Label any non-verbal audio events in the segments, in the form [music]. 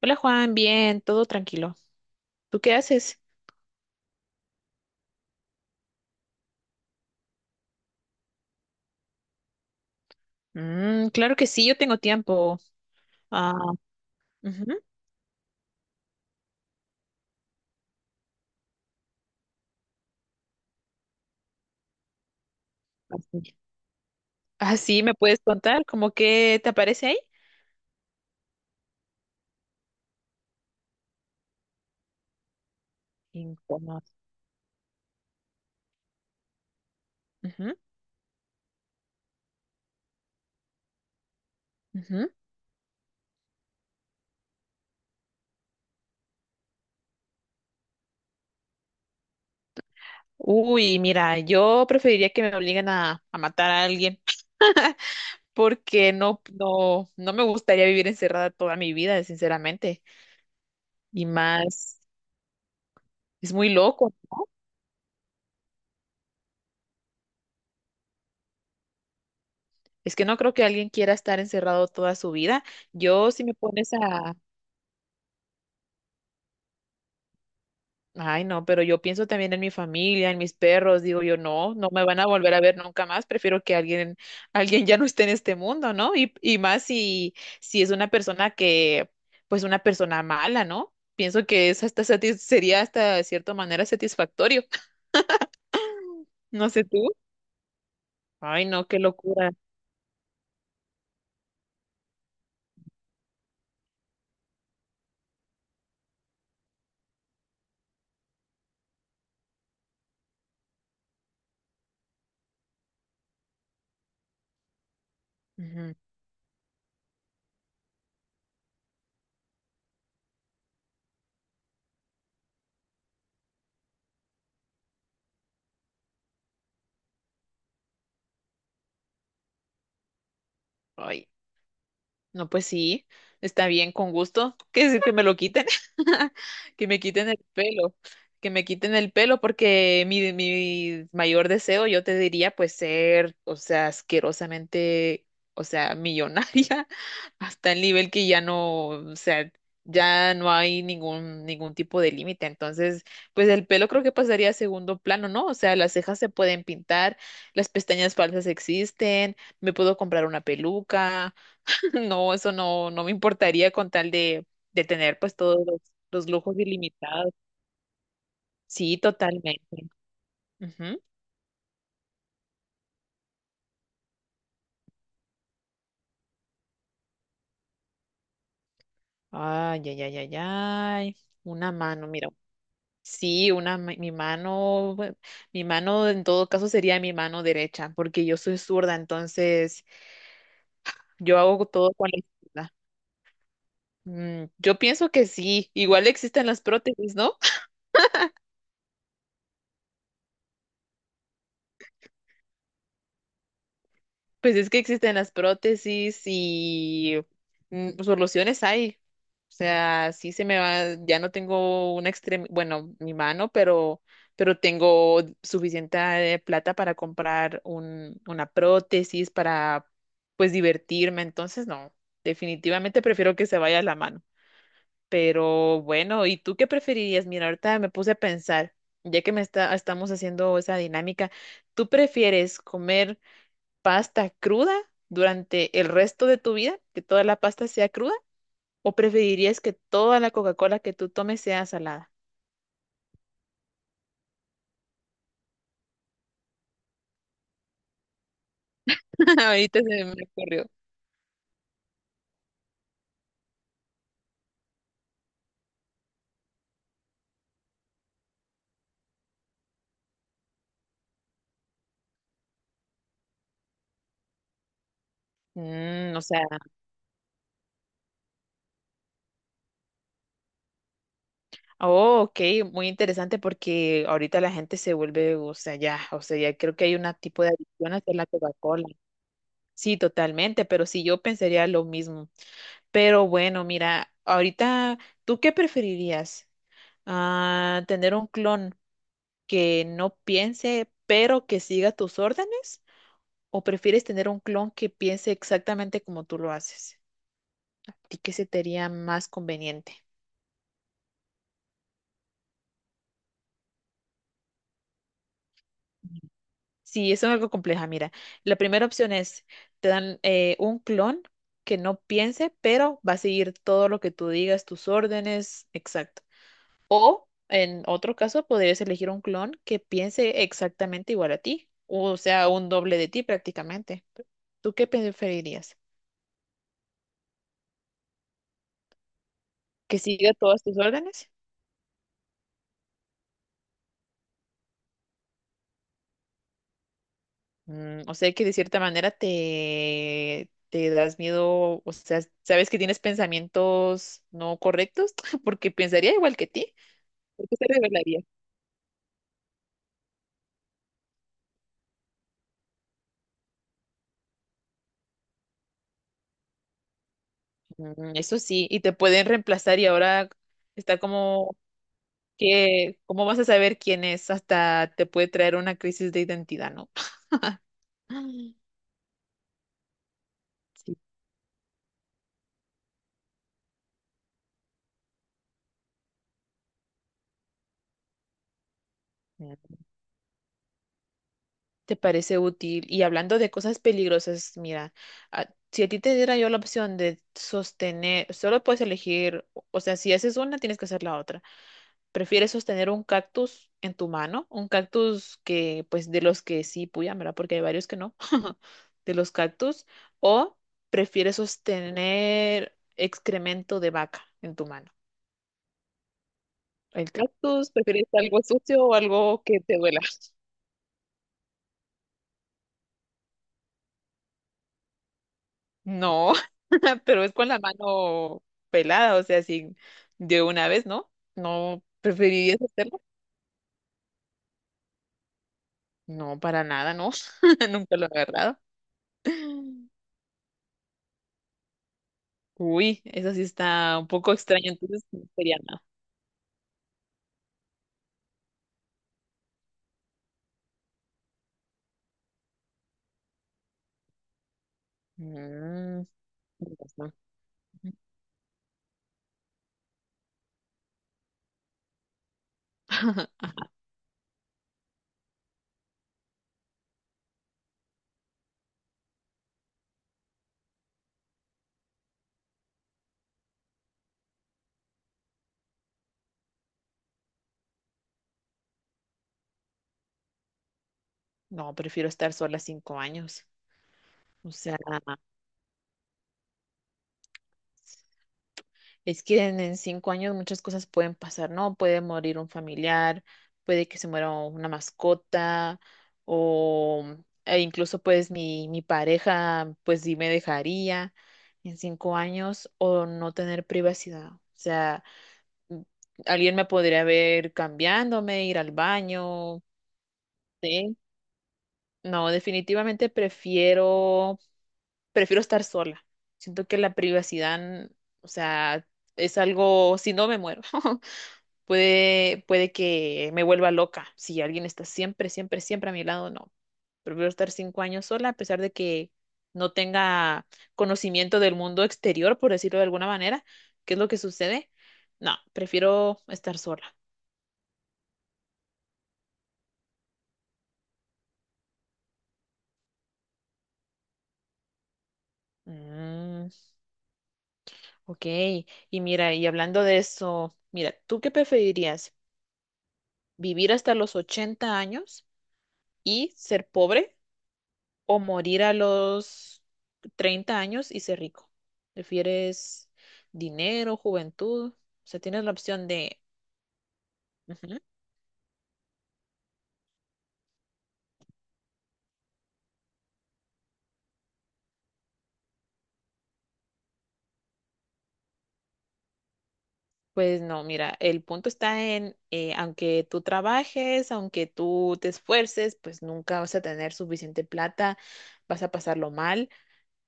Hola Juan, bien, todo tranquilo. ¿Tú qué haces? Mm, claro que sí, yo tengo tiempo. Ah, ujú. Así. Ah, sí, me puedes contar, ¿cómo que te aparece ahí? Incómodo. Ujú, ujú. Uy, mira, yo preferiría que me obliguen a matar a alguien porque no, no, no me gustaría vivir encerrada toda mi vida, sinceramente. Y más, es muy loco. Es que no creo que alguien quiera estar encerrado toda su vida. Yo, si me pones a... Ay, no, pero yo pienso también en mi familia, en mis perros, digo yo, no, no me van a volver a ver nunca más, prefiero que alguien, alguien ya no esté en este mundo, ¿no? Y más si, si es una persona que, pues una persona mala, ¿no? Pienso que es hasta satis- sería hasta de cierta manera satisfactorio. [laughs] No sé tú. Ay, no, qué locura. Ujú. Ay. No, pues sí, está bien, con gusto. ¿Qué decir que me lo quiten? [laughs] Que me quiten el pelo, que me quiten el pelo porque mi mayor deseo, yo te diría, pues ser, o sea, asquerosamente, o sea, millonaria, [laughs] hasta el nivel que ya no, o sea, ya no hay ningún tipo de límite. Entonces, pues el pelo creo que pasaría a segundo plano, ¿no? O sea, las cejas se pueden pintar, las pestañas falsas existen, me puedo comprar una peluca. No, eso no, no me importaría con tal de tener pues todos los lujos ilimitados. Sí, totalmente. Ujú. Ay, ay, ay, ay, ay. Una mano, mira. Sí, una, ma- mi mano, bueno, mi mano en todo caso sería mi mano derecha, porque yo soy zurda, entonces yo hago todo con la izquierda. Mm, yo pienso que sí, igual existen las prótesis, ¿no? Pues es que existen las prótesis y pues, soluciones hay. O sea, sí se me va, ya no tengo una extremidad, bueno, mi mano, pero tengo suficiente plata para comprar un, una prótesis para, pues, divertirme. Entonces, no, definitivamente prefiero que se vaya la mano. Pero bueno, ¿y tú qué preferirías? Mira, ahorita me puse a pensar, ya que me está, estamos haciendo esa dinámica, ¿tú prefieres comer pasta cruda durante el resto de tu vida, que toda la pasta sea cruda, o preferirías que toda la Coca-Cola que tú tomes sea salada? [laughs] Ahorita se me ocurrió. Mm, o sea, oh, ok, muy interesante porque ahorita la gente se vuelve, o sea, ya creo que hay un tipo de adicción hacia la Coca-Cola. Sí, totalmente, pero sí, yo pensaría lo mismo. Pero bueno, mira, ahorita, ¿tú qué preferirías? Ah, ¿tener un clon que no piense, pero que siga tus órdenes? ¿O prefieres tener un clon que piense exactamente como tú lo haces? ¿A ti qué se te haría más conveniente? Sí, eso es algo compleja. Mira, la primera opción es, te dan un clon que no piense, pero va a seguir todo lo que tú digas, tus órdenes, exacto. O en otro caso, podrías elegir un clon que piense exactamente igual a ti, o sea, un doble de ti prácticamente. ¿Tú qué preferirías? ¿Que siga todas tus órdenes? Mm, o sea que de cierta manera te das miedo, o sea, sabes que tienes pensamientos no correctos, [laughs] porque pensaría igual que ti, porque se revelaría. Mm, eso sí, y te pueden reemplazar y ahora está como que, ¿cómo vas a saber quién es? Hasta te puede traer una crisis de identidad, ¿no? [gasps] Sí. Mm, te parece útil. Y hablando de cosas peligrosas, mira, a- si a ti te diera yo la opción de sostener, solo puedes elegir, o sea, si haces una, tienes que hacer la otra. ¿Prefieres sostener un cactus en tu mano? Un cactus que, pues, de los que sí puyan, ¿verdad? Porque hay varios que no, [laughs] de los cactus. ¿O prefieres sostener excremento de vaca en tu mano? ¿El cactus? ¿Prefieres algo sucio o algo que te duela? No, [laughs] pero es con la mano pelada, o sea, así de una vez, ¿no? ¿No preferirías hacerlo? No, para nada, no. [laughs] Nunca lo he agarrado. Uy, eso sí está un poco extraño, entonces no sería nada. Mm, tienes razón. [laughs] No, prefiero estar sola 5 años. O sea, es que en 5 años muchas cosas pueden pasar, ¿no? Puede morir un familiar, puede que se muera una mascota, o e incluso pues mi pareja, pues sí me dejaría en 5 años, o no tener privacidad. O sea, m- alguien me podría ver cambiándome, ir al baño, ¿sí? No, definitivamente prefiero prefiero estar sola. Siento que la privacidad, o sea, es algo, si no me muero, [laughs] puede que me vuelva loca. Si alguien está siempre, siempre, siempre a mi lado, no. Prefiero estar 5 años sola, a pesar de que no tenga conocimiento del mundo exterior, por decirlo de alguna manera, qué es lo que sucede. No, prefiero estar sola. Mm, ok, y mira, y hablando de eso, mira, ¿tú qué preferirías? ¿Vivir hasta los 80 años y ser pobre o morir a los 30 años y ser rico? ¿Prefieres dinero, juventud? O sea, tienes la opción de... Ujú. Pues no, mira, el punto está en, aunque tú trabajes, aunque tú te esfuerces, pues nunca vas a tener suficiente plata, vas a pasarlo mal,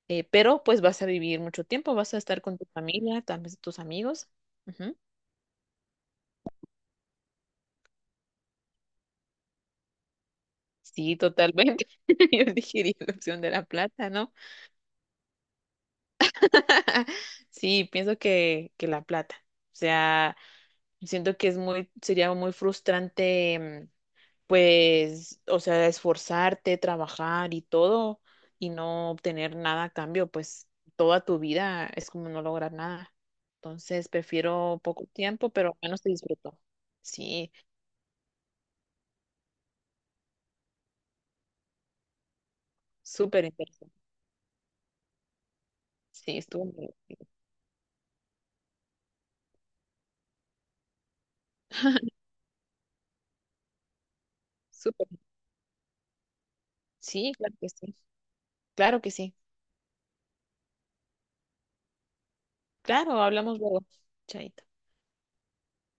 pero pues vas a vivir mucho tiempo, vas a estar con tu familia, también tus amigos. Ujú. Sí, totalmente. [laughs] Yo elegiría la opción de la plata, ¿no? [laughs] Sí, pienso que, la plata. O sea, siento que es muy, sería muy frustrante, mm, pues, o sea, esforzarte, trabajar y todo, y no obtener nada a cambio, pues toda tu vida es como no lograr nada. Entonces, prefiero poco tiempo, pero al menos te disfruto. Sí, súper interesante. Sí, estuvo muy divertido. [laughs] Súper. Sí, claro que sí. Claro que sí. Claro, hablamos luego. Chaito.